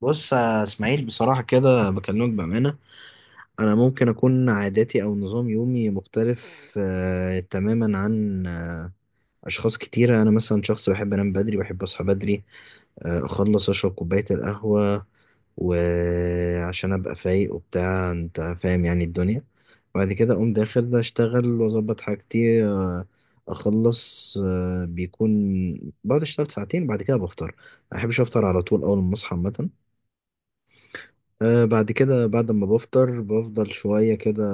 بص يا اسماعيل، بصراحة كده بكلمك بأمانة. أنا ممكن أكون عاداتي أو نظام يومي مختلف تماما عن أشخاص كتيرة. أنا مثلا شخص بحب أنام بدري، بحب أصحى بدري، أخلص أشرب كوباية القهوة وعشان أبقى فايق وبتاع، أنت فاهم يعني الدنيا. بعد كده أقوم داخل أشتغل وأظبط حاجتي. آه أخلص آه بيكون بقعد أشتغل ساعتين، بعد كده بفطر. ما أحبش أفطر على طول أول ما أصحى عامة. بعد كده، بعد ما بفطر، بفضل شوية كده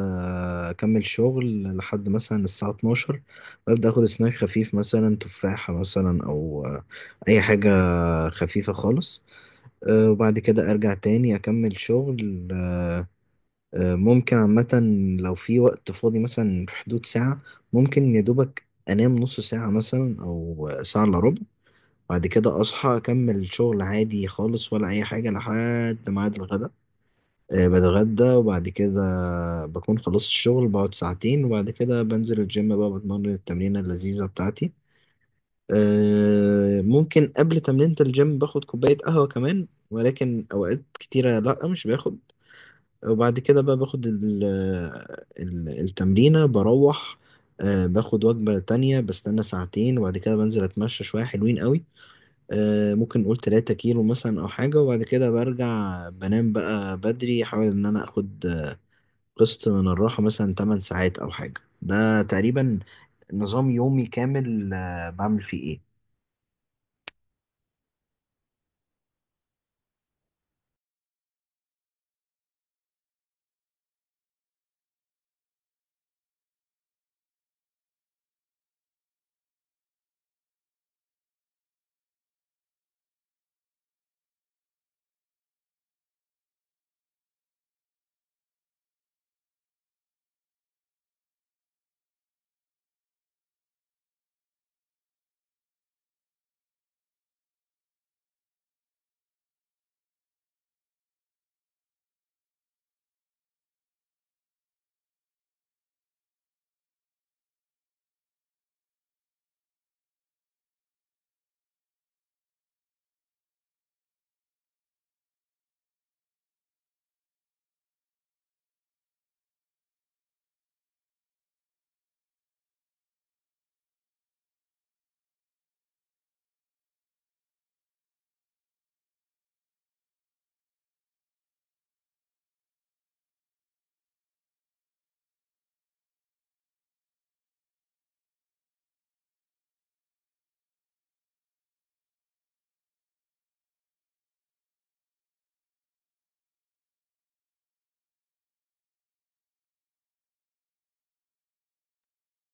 أكمل شغل لحد مثلا الساعة 12، ببدأ أخد سناك خفيف، مثلا تفاحة مثلا أو أي حاجة خفيفة خالص. وبعد كده أرجع تاني أكمل شغل. أه أه ممكن عامة لو في وقت فاضي مثلا في حدود ساعة، ممكن يا دوبك أنام نص ساعة مثلا أو ساعة إلا ربع. بعد كده أصحى أكمل شغل عادي خالص ولا أي حاجة لحد ميعاد الغدا. بتغدى وبعد كده بكون خلصت الشغل، بقعد ساعتين وبعد كده بنزل الجيم بقى، بتمرن التمرينة اللذيذة بتاعتي. ممكن قبل تمرينة الجيم باخد كوباية قهوة كمان، ولكن أوقات كتيرة لأ مش باخد. وبعد كده بقى باخد ال التمرينة، بروح باخد وجبة تانية، بستنى ساعتين وبعد كده بنزل أتمشى شوية حلوين قوي. ممكن نقول 3 كيلو مثلا أو حاجة. وبعد كده برجع بنام بقى بدري، أحاول إن أنا أخد قسط من الراحة، مثلا 8 ساعات أو حاجة. ده تقريبا نظام يومي كامل، بعمل فيه إيه؟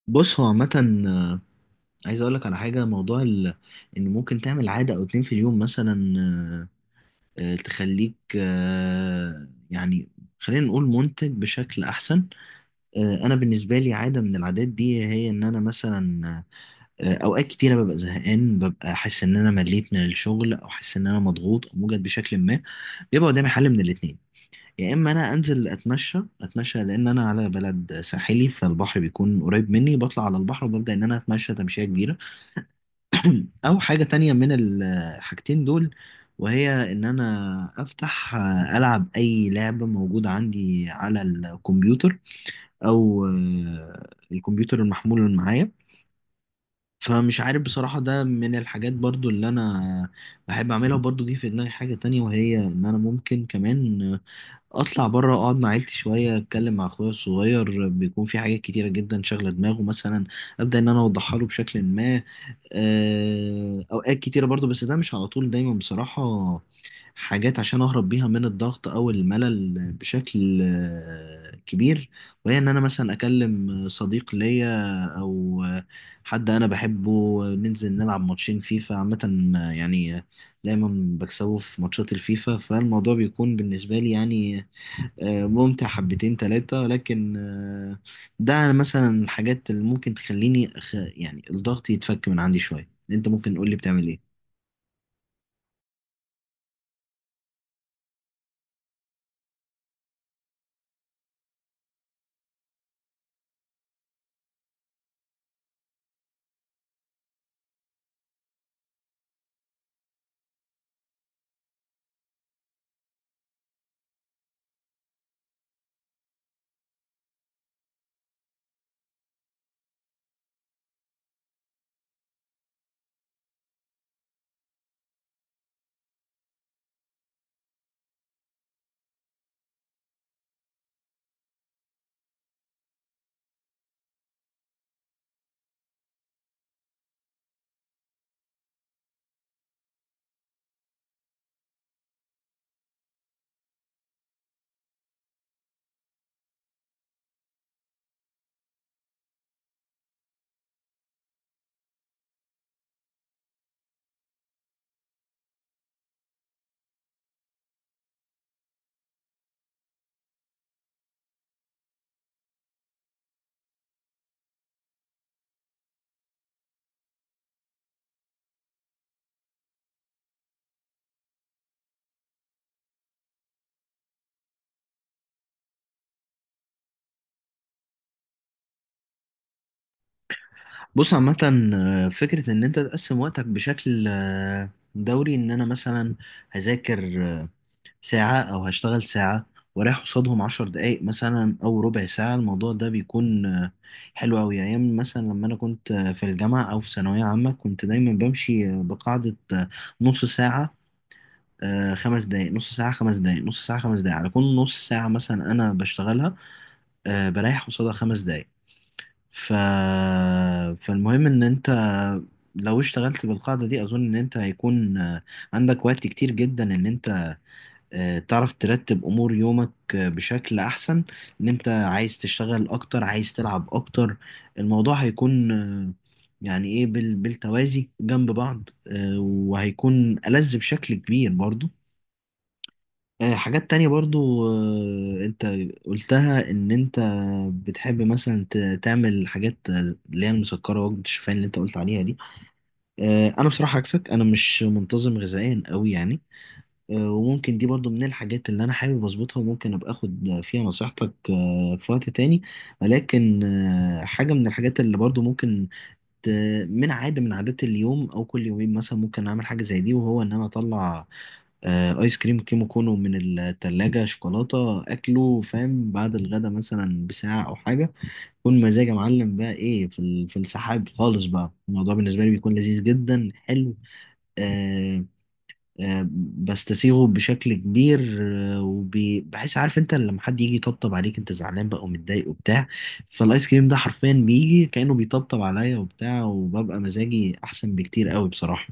بص، هو عامة عايز أقولك على حاجة. إن ممكن تعمل عادة أو اتنين في اليوم مثلا، تخليك يعني، خلينا نقول منتج بشكل أحسن. أنا بالنسبة لي، عادة من العادات دي هي إن أنا مثلا أوقات كتيرة ببقى زهقان، ببقى حاسس إن أنا مليت من الشغل، أو حاسس إن أنا مضغوط أو موجد بشكل ما. بيبقى قدامي حل من الاتنين: يا اما انا انزل اتمشى لان انا على بلد ساحلي، فالبحر بيكون قريب مني، بطلع على البحر وببدا ان انا اتمشى تمشيه كبيره. او حاجه تانية من الحاجتين دول، وهي ان انا افتح العب اي لعبه موجوده عندي على الكمبيوتر او الكمبيوتر المحمول اللي معايا. فمش عارف بصراحة، ده من الحاجات برضو اللي أنا بحب أعملها. وبرضو جه في دماغي حاجة تانية، وهي إن أنا ممكن كمان اطلع بره اقعد مع عيلتي شويه، اتكلم مع اخويا الصغير، بيكون في حاجات كتيره جدا شاغله دماغه مثلا، ابدا ان انا اوضحها له بشكل ما. اوقات كتيره برضو، بس ده مش على طول دايما بصراحه. حاجات عشان اهرب بيها من الضغط او الملل بشكل كبير، وهي ان انا مثلا اكلم صديق ليا او حد انا بحبه، ننزل نلعب ماتشين فيفا عامه. يعني دايما بكسبه في ماتشات الفيفا، فالموضوع بيكون بالنسبه لي يعني ممتع حبتين تلاتة. لكن ده مثلا الحاجات اللي ممكن تخليني يعني الضغط يتفك من عندي شوية. انت ممكن تقول لي بتعمل ايه؟ بص عامة، فكرة ان انت تقسم وقتك بشكل دوري، ان انا مثلا هذاكر ساعة او هشتغل ساعة ورايح قصادهم عشر دقايق مثلا او ربع ساعة. الموضوع ده بيكون حلو اوي. ايام مثلا لما انا كنت في الجامعة او في ثانوية عامة، كنت دايما بمشي بقاعدة نص ساعة، خمس دقايق، نص ساعة، خمس دقايق، نص ساعة، خمس دقايق. على كل نص ساعة مثلا أنا بشتغلها، بريح قصادها خمس دقايق. ف... فالمهم، إن أنت لو اشتغلت بالقاعدة دي، أظن إن أنت هيكون عندك وقت كتير جدا إن أنت تعرف ترتب أمور يومك بشكل أحسن. إن أنت عايز تشتغل أكتر، عايز تلعب أكتر، الموضوع هيكون يعني إيه، بالتوازي جنب بعض، وهيكون ألذ بشكل كبير برضو. حاجات تانية برضو، انت قلتها ان انت بتحب مثلا تعمل حاجات اللي هي المسكرة، وجبة الشوفان اللي انت قلت عليها دي. انا بصراحة عكسك، انا مش منتظم غذائيا قوي يعني. وممكن دي برضو من الحاجات اللي انا حابب اظبطها، وممكن ابقى اخد فيها نصيحتك في وقت تاني. ولكن حاجة من الحاجات اللي برضو ممكن ت- من عادات اليوم او كل يومين مثلا، ممكن اعمل حاجة زي دي، وهو ان انا اطلع ايس كريم كيمو كونو من التلاجة، شوكولاتة اكله، فاهم، بعد الغدا مثلا بساعة او حاجة. كون مزاجي يا معلم بقى ايه، في في السحاب خالص بقى. الموضوع بالنسبة لي بيكون لذيذ جدا، حلو. آه آه بستسيغه بشكل كبير. آه، وبحس، عارف انت لما حد يجي يطبطب عليك، انت زعلان بقى ومتضايق وبتاع، فالايس كريم ده حرفيا بيجي كأنه بيطبطب عليا وبتاع، وببقى مزاجي احسن بكتير قوي بصراحة.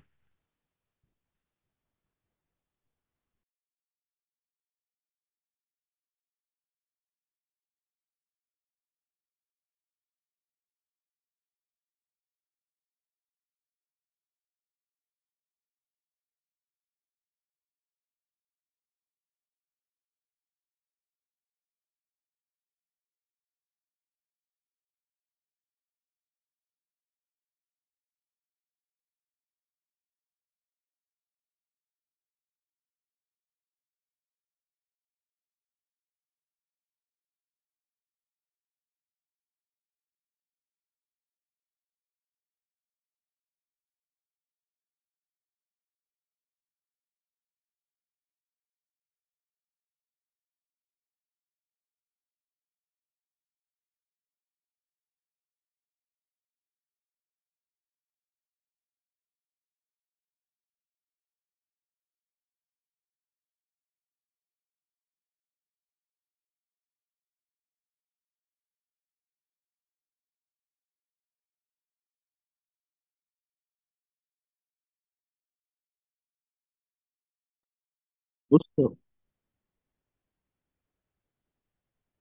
بص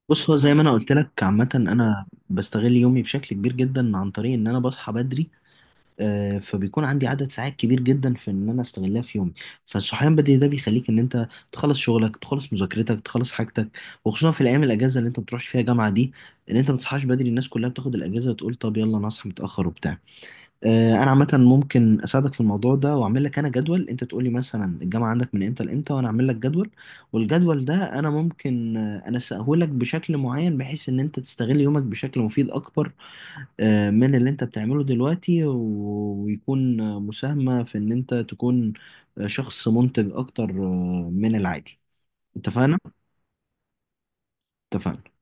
بص هو زي ما انا قلت لك عامه، انا بستغل يومي بشكل كبير جدا عن طريق ان انا بصحى بدري. فبيكون عندي عدد ساعات كبير جدا في ان انا استغلها في يومي. فالصحيان بدري ده بيخليك ان انت تخلص شغلك، تخلص مذاكرتك، تخلص حاجتك. وخصوصا في الايام الاجازه اللي انت ما بتروحش فيها جامعه دي، ان انت ما تصحاش بدري. الناس كلها بتاخد الاجازه وتقول طب يلا انا اصحى متاخر وبتاع. انا عامه ممكن اساعدك في الموضوع ده، واعمل لك انا جدول. انت تقول لي مثلا الجامعه عندك من امتى لامتى، وانا اعمل لك جدول. والجدول ده انا ممكن انسقه لك بشكل معين، بحيث ان انت تستغل يومك بشكل مفيد اكبر من اللي انت بتعمله دلوقتي، ويكون مساهمه في ان انت تكون شخص منتج اكتر من العادي. اتفقنا؟ اتفقنا.